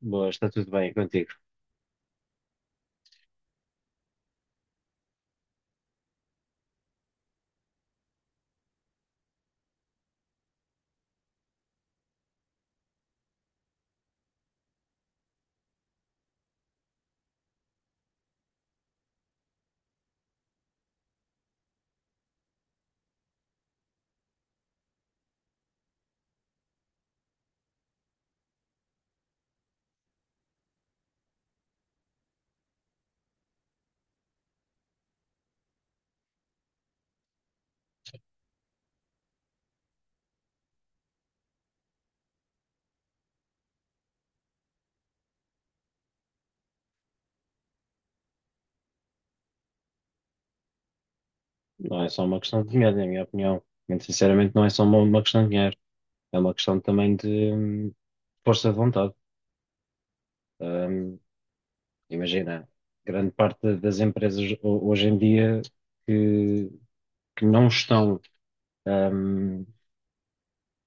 Boa, está tudo bem contigo. Não é só uma questão de dinheiro, na minha opinião. Muito sinceramente, não é só uma questão de dinheiro. É uma questão também de força de vontade. Hum, imagina, grande parte das empresas hoje em dia que, que não estão hum,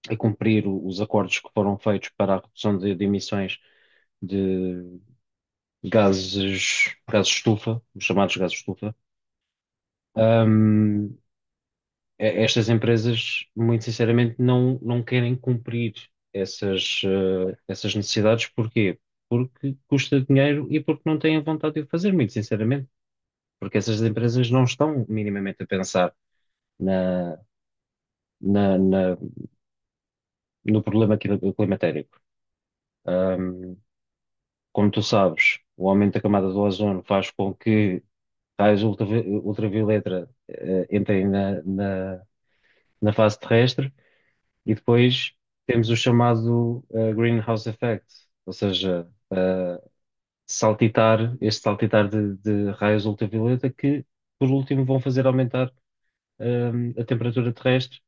a cumprir os acordos que foram feitos para a redução de emissões de gases estufa, os chamados gases estufa. hum, Estas empresas, muito sinceramente, não querem cumprir essas necessidades. Porquê? Porque custa dinheiro e porque não têm vontade de o fazer, muito sinceramente. Porque essas empresas não estão minimamente a pensar na, na- na- no problema climatérico. Ahm, Como tu sabes, o aumento da camada do ozono faz com que raios ultravioleta, entrem na fase terrestre. E depois temos o chamado greenhouse effect, ou seja, este saltitar de raios ultravioleta que, por último, vão fazer aumentar a temperatura terrestre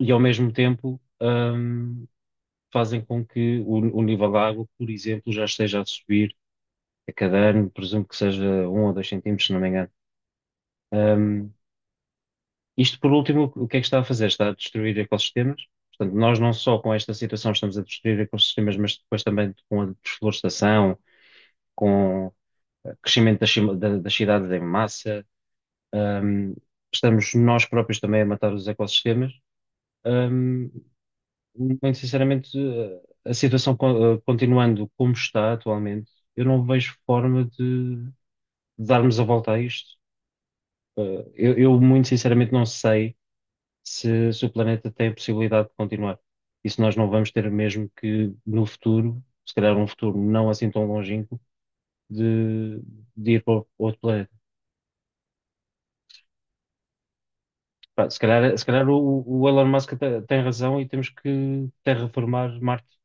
e, ao mesmo tempo, fazem com que o nível da água, por exemplo, já esteja a subir a cada ano, presumo que seja 1 ou 2 centímetros, se não me engano. Hum, Isto, por último, o que é que está a fazer? Está a destruir ecossistemas. Portanto, nós não só com esta situação estamos a destruir ecossistemas, mas depois também com a desflorestação, com o crescimento das cidades em massa, hum, estamos nós próprios também a matar os ecossistemas. Hum, muito sinceramente, a situação continuando como está atualmente, eu não vejo forma de darmos a volta a isto. Eu, muito sinceramente, não sei se o planeta tem a possibilidade de continuar. E se nós não vamos ter mesmo que, no futuro, se calhar um futuro não assim tão longínquo, de, de ir para outro planeta. Pá, se calhar, se calhar o Elon Musk tem razão e temos que terraformar Marte.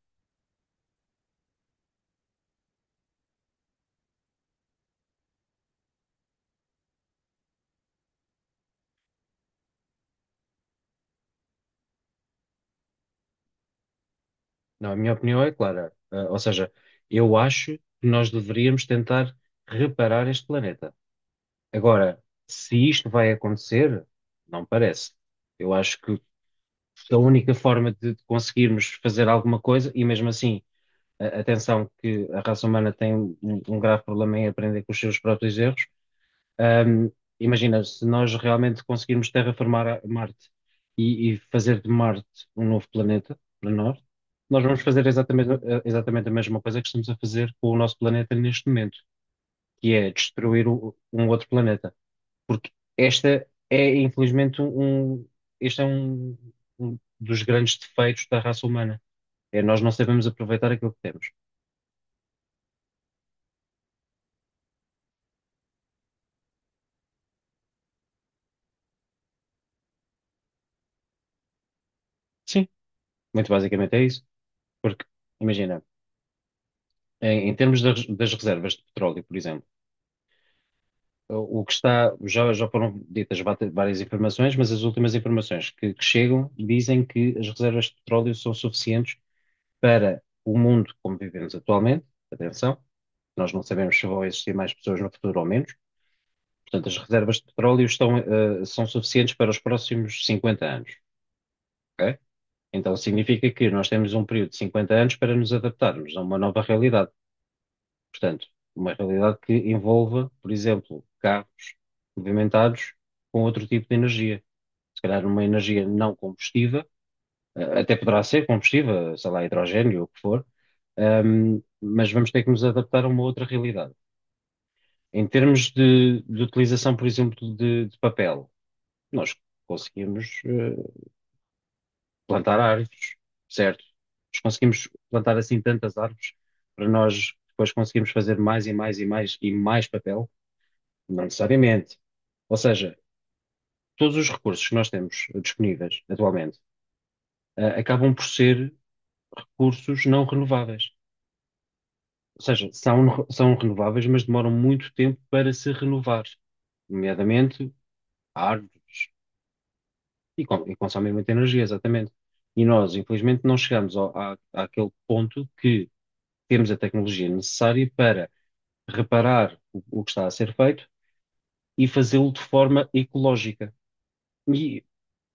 Não, a minha opinião é clara. Ah, ou seja, eu acho que nós deveríamos tentar reparar este planeta. Agora, se isto vai acontecer, não parece. Eu acho que a única forma de conseguirmos fazer alguma coisa, e mesmo assim, atenção que a raça humana tem um grave problema em aprender com os seus próprios erros. Ahm, Imagina, se nós realmente conseguirmos terraformar Marte e fazer de Marte um novo planeta para nós, nós vamos fazer exatamente, exatamente a mesma coisa que estamos a fazer com o nosso planeta neste momento, que é destruir um outro planeta, porque esta é, infelizmente, este é um, um dos grandes defeitos da raça humana. É nós não sabemos aproveitar aquilo que temos. Sim, muito basicamente é isso, porque, imagina, em termos das reservas de petróleo, por exemplo, o que está, já foram ditas várias informações, mas as últimas informações que chegam dizem que as reservas de petróleo são suficientes para o mundo como vivemos atualmente. Atenção, nós não sabemos se vão existir mais pessoas no futuro ou menos. Portanto, as reservas de petróleo estão, são suficientes para os próximos 50 anos, ok? Então, significa que nós temos um período de 50 anos para nos adaptarmos a uma nova realidade. Portanto, uma realidade que envolva, por exemplo, carros movimentados com outro tipo de energia. Se calhar uma energia não combustível, até poderá ser combustível, sei lá, hidrogênio ou o que for, mas vamos ter que nos adaptar a uma outra realidade. Em termos de utilização, por exemplo, de papel, nós conseguimos plantar árvores, certo? Nós conseguimos plantar assim tantas árvores para nós depois conseguirmos fazer mais e mais e mais e mais papel? Não necessariamente. Ou seja, todos os recursos que nós temos disponíveis atualmente, acabam por ser recursos não renováveis. Ou seja, são renováveis, mas demoram muito tempo para se renovar, nomeadamente árvores, e consomem muita energia, exatamente. E nós, infelizmente, não chegamos ao, à, àquele ponto que temos a tecnologia necessária para reparar o que está a ser feito e fazê-lo de forma ecológica. E,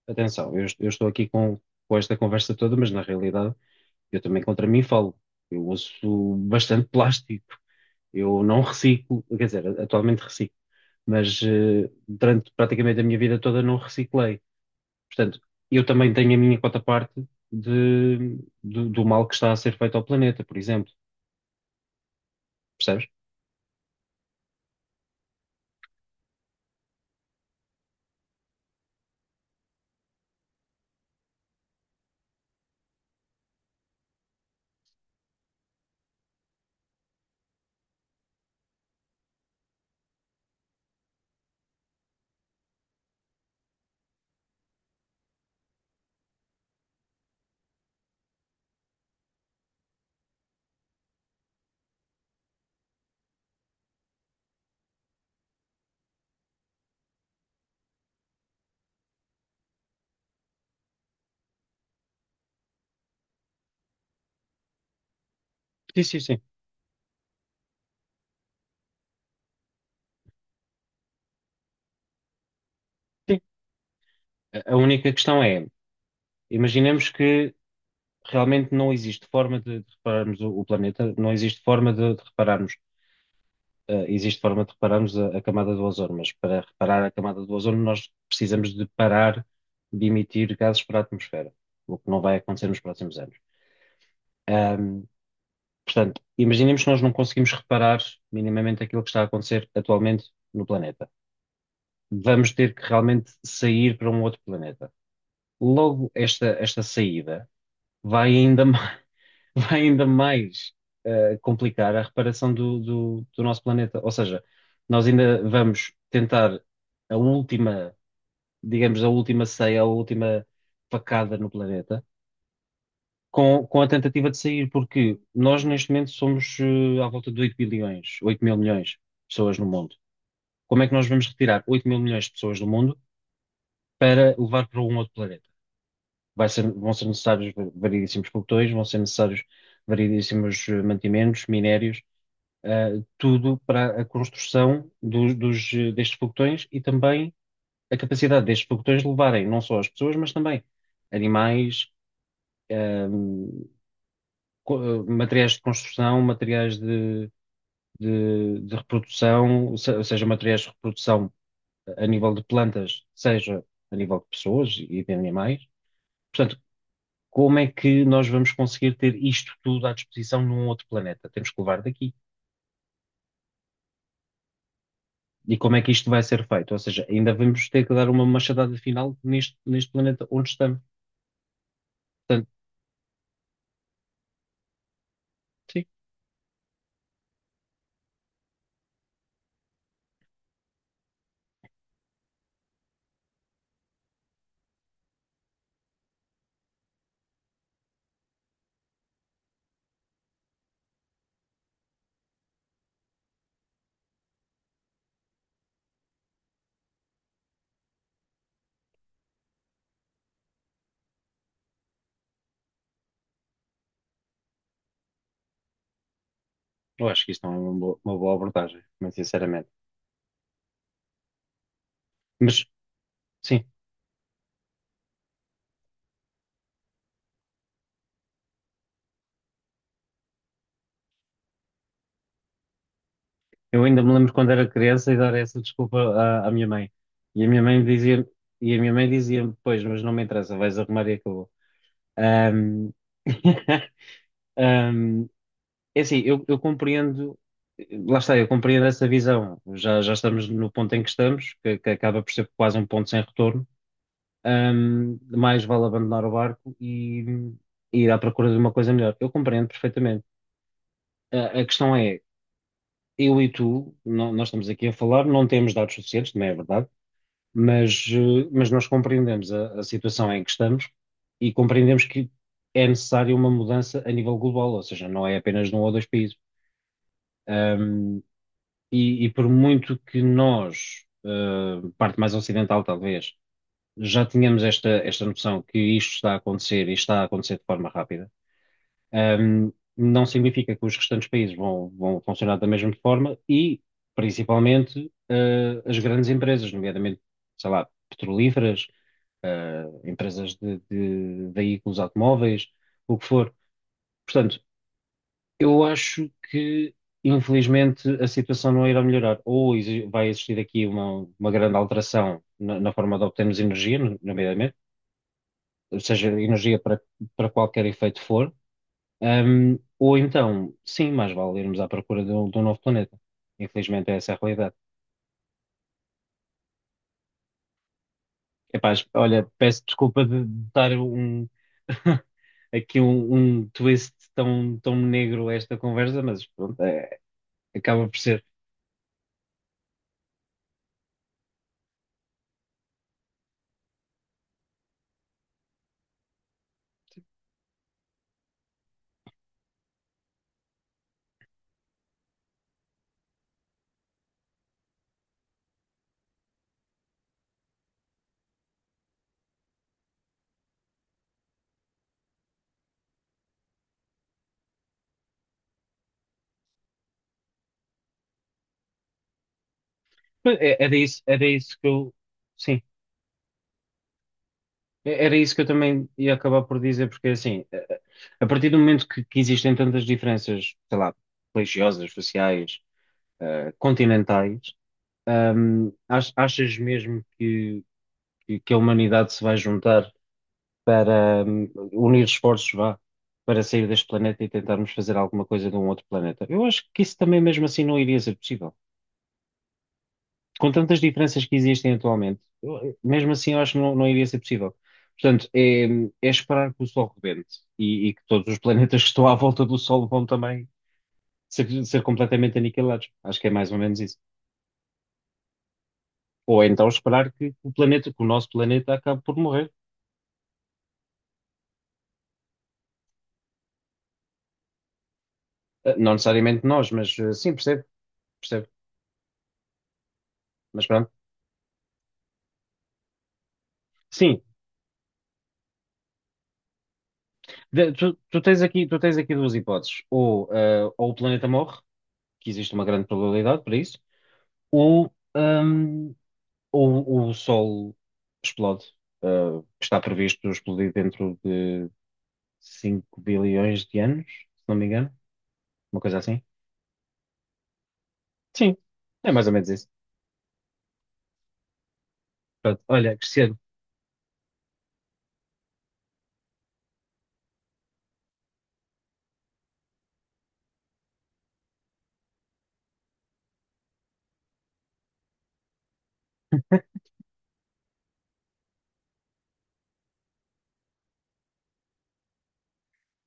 atenção, eu estou aqui com esta conversa toda, mas na realidade eu também contra mim falo. Eu uso bastante plástico, eu não reciclo, quer dizer, atualmente reciclo, mas durante praticamente a minha vida toda não reciclei. Portanto, eu também tenho a minha quota parte de, do mal que está a ser feito ao planeta, por exemplo. Percebes? Sim, sim, sim. Sim. A única questão é, imaginemos que realmente não existe forma de repararmos o planeta, não existe forma de repararmos, existe forma de repararmos a camada do ozono, mas para reparar a camada do ozono nós precisamos de parar de emitir gases para a atmosfera, o que não vai acontecer nos próximos anos. Ahm, Portanto, imaginemos que nós não conseguimos reparar minimamente aquilo que está a acontecer atualmente no planeta. Vamos ter que realmente sair para um outro planeta. Logo, esta saída vai ainda mais, vai ainda mais complicar a reparação do nosso planeta. Ou seja, nós ainda vamos tentar a última, digamos, a última ceia, a última facada no planeta com a tentativa de sair, porque nós neste momento somos à volta de 8 bilhões, 8 mil milhões de pessoas no mundo. Como é que nós vamos retirar 8 mil milhões de pessoas do mundo para levar para um outro planeta? Vão ser necessários variedíssimos pelotões, vão ser necessários variedíssimos mantimentos, minérios, tudo para a construção destes pelotões e também a capacidade destes pelotões de levarem não só as pessoas, mas também animais, eh, materiais de construção, materiais de reprodução, seja materiais de reprodução a nível de plantas, seja a nível de pessoas e de animais. Portanto, como é que nós vamos conseguir ter isto tudo à disposição num outro planeta? Temos que levar daqui. E como é que isto vai ser feito? Ou seja, ainda vamos ter que dar uma machadada final neste planeta onde estamos. Portanto, sim, eu acho que isto não é uma boa abordagem, muito sinceramente. Mas, sim, eu ainda me lembro quando era criança e dar essa desculpa à minha mãe. E a minha mãe dizia, e a minha mãe dizia pois, mas não me interessa, vais arrumar e acabou. Ahm, ahm, é assim, eu compreendo, lá está, eu compreendo essa visão. Já estamos no ponto em que estamos, que acaba por ser quase um ponto sem retorno. Mais vale abandonar o barco e ir à procura de uma coisa melhor. Eu compreendo perfeitamente. A questão é, eu e tu, nós estamos aqui a falar, não temos dados suficientes, não é verdade? Mas nós compreendemos a situação em que estamos e compreendemos que é necessária uma mudança a nível global, ou seja, não é apenas num ou dois países. Ahm, e por muito que nós, parte mais ocidental talvez, já tínhamos esta noção que isto está a acontecer e está a acontecer de forma rápida, não significa que os restantes países vão funcionar da mesma forma e, principalmente, as grandes empresas, nomeadamente, sei lá, petrolíferas, empresas de veículos automóveis, o que for. Portanto, eu acho que, infelizmente, a situação não irá melhorar. Ou vai existir aqui uma grande alteração na forma de obtermos energia, nomeadamente, seja energia para qualquer efeito for. Ou então, sim, mais vale irmos à procura de um novo planeta. Infelizmente, é essa a realidade. Epaz, olha, peço desculpa de dar um, aqui um twist tão, tão negro a esta conversa, mas pronto, acaba por ser. Mas era isso, era isso que eu. Sim, era isso que eu também ia acabar por dizer, porque assim, a partir do momento que existem tantas diferenças, sei lá, religiosas, sociais, continentais. Achas mesmo que, que a humanidade se vai juntar para, unir esforços, vá, para sair deste planeta e tentarmos fazer alguma coisa de um outro planeta? Eu acho que isso também mesmo assim não iria ser possível. Com tantas diferenças que existem atualmente, mesmo assim eu acho que não, não iria ser possível. Portanto, é esperar que o Sol rebente e que todos os planetas que estão à volta do Sol vão também ser completamente aniquilados. Acho que é mais ou menos isso. Ou então esperar que o planeta, que o nosso planeta acabe por morrer. Não necessariamente nós, mas sim, percebo, percebo. Mas pronto. Sim, tu tens aqui duas hipóteses. Ou, ou o planeta morre, que existe uma grande probabilidade para isso, ou, hum, ou o Sol explode, eh, que está previsto explodir dentro de 5 bilhões de anos, se não me engano. Uma coisa assim. Sim, é mais ou menos isso. Pronto, olha, Cristiano,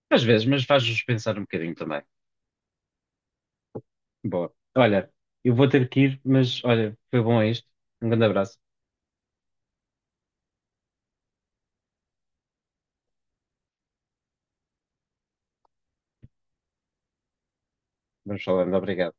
às vezes, mas faz-nos pensar um bocadinho também. Boa. Olha, eu vou ter que ir, mas olha, foi bom isto. Um grande abraço. Vamos falando. Obrigado.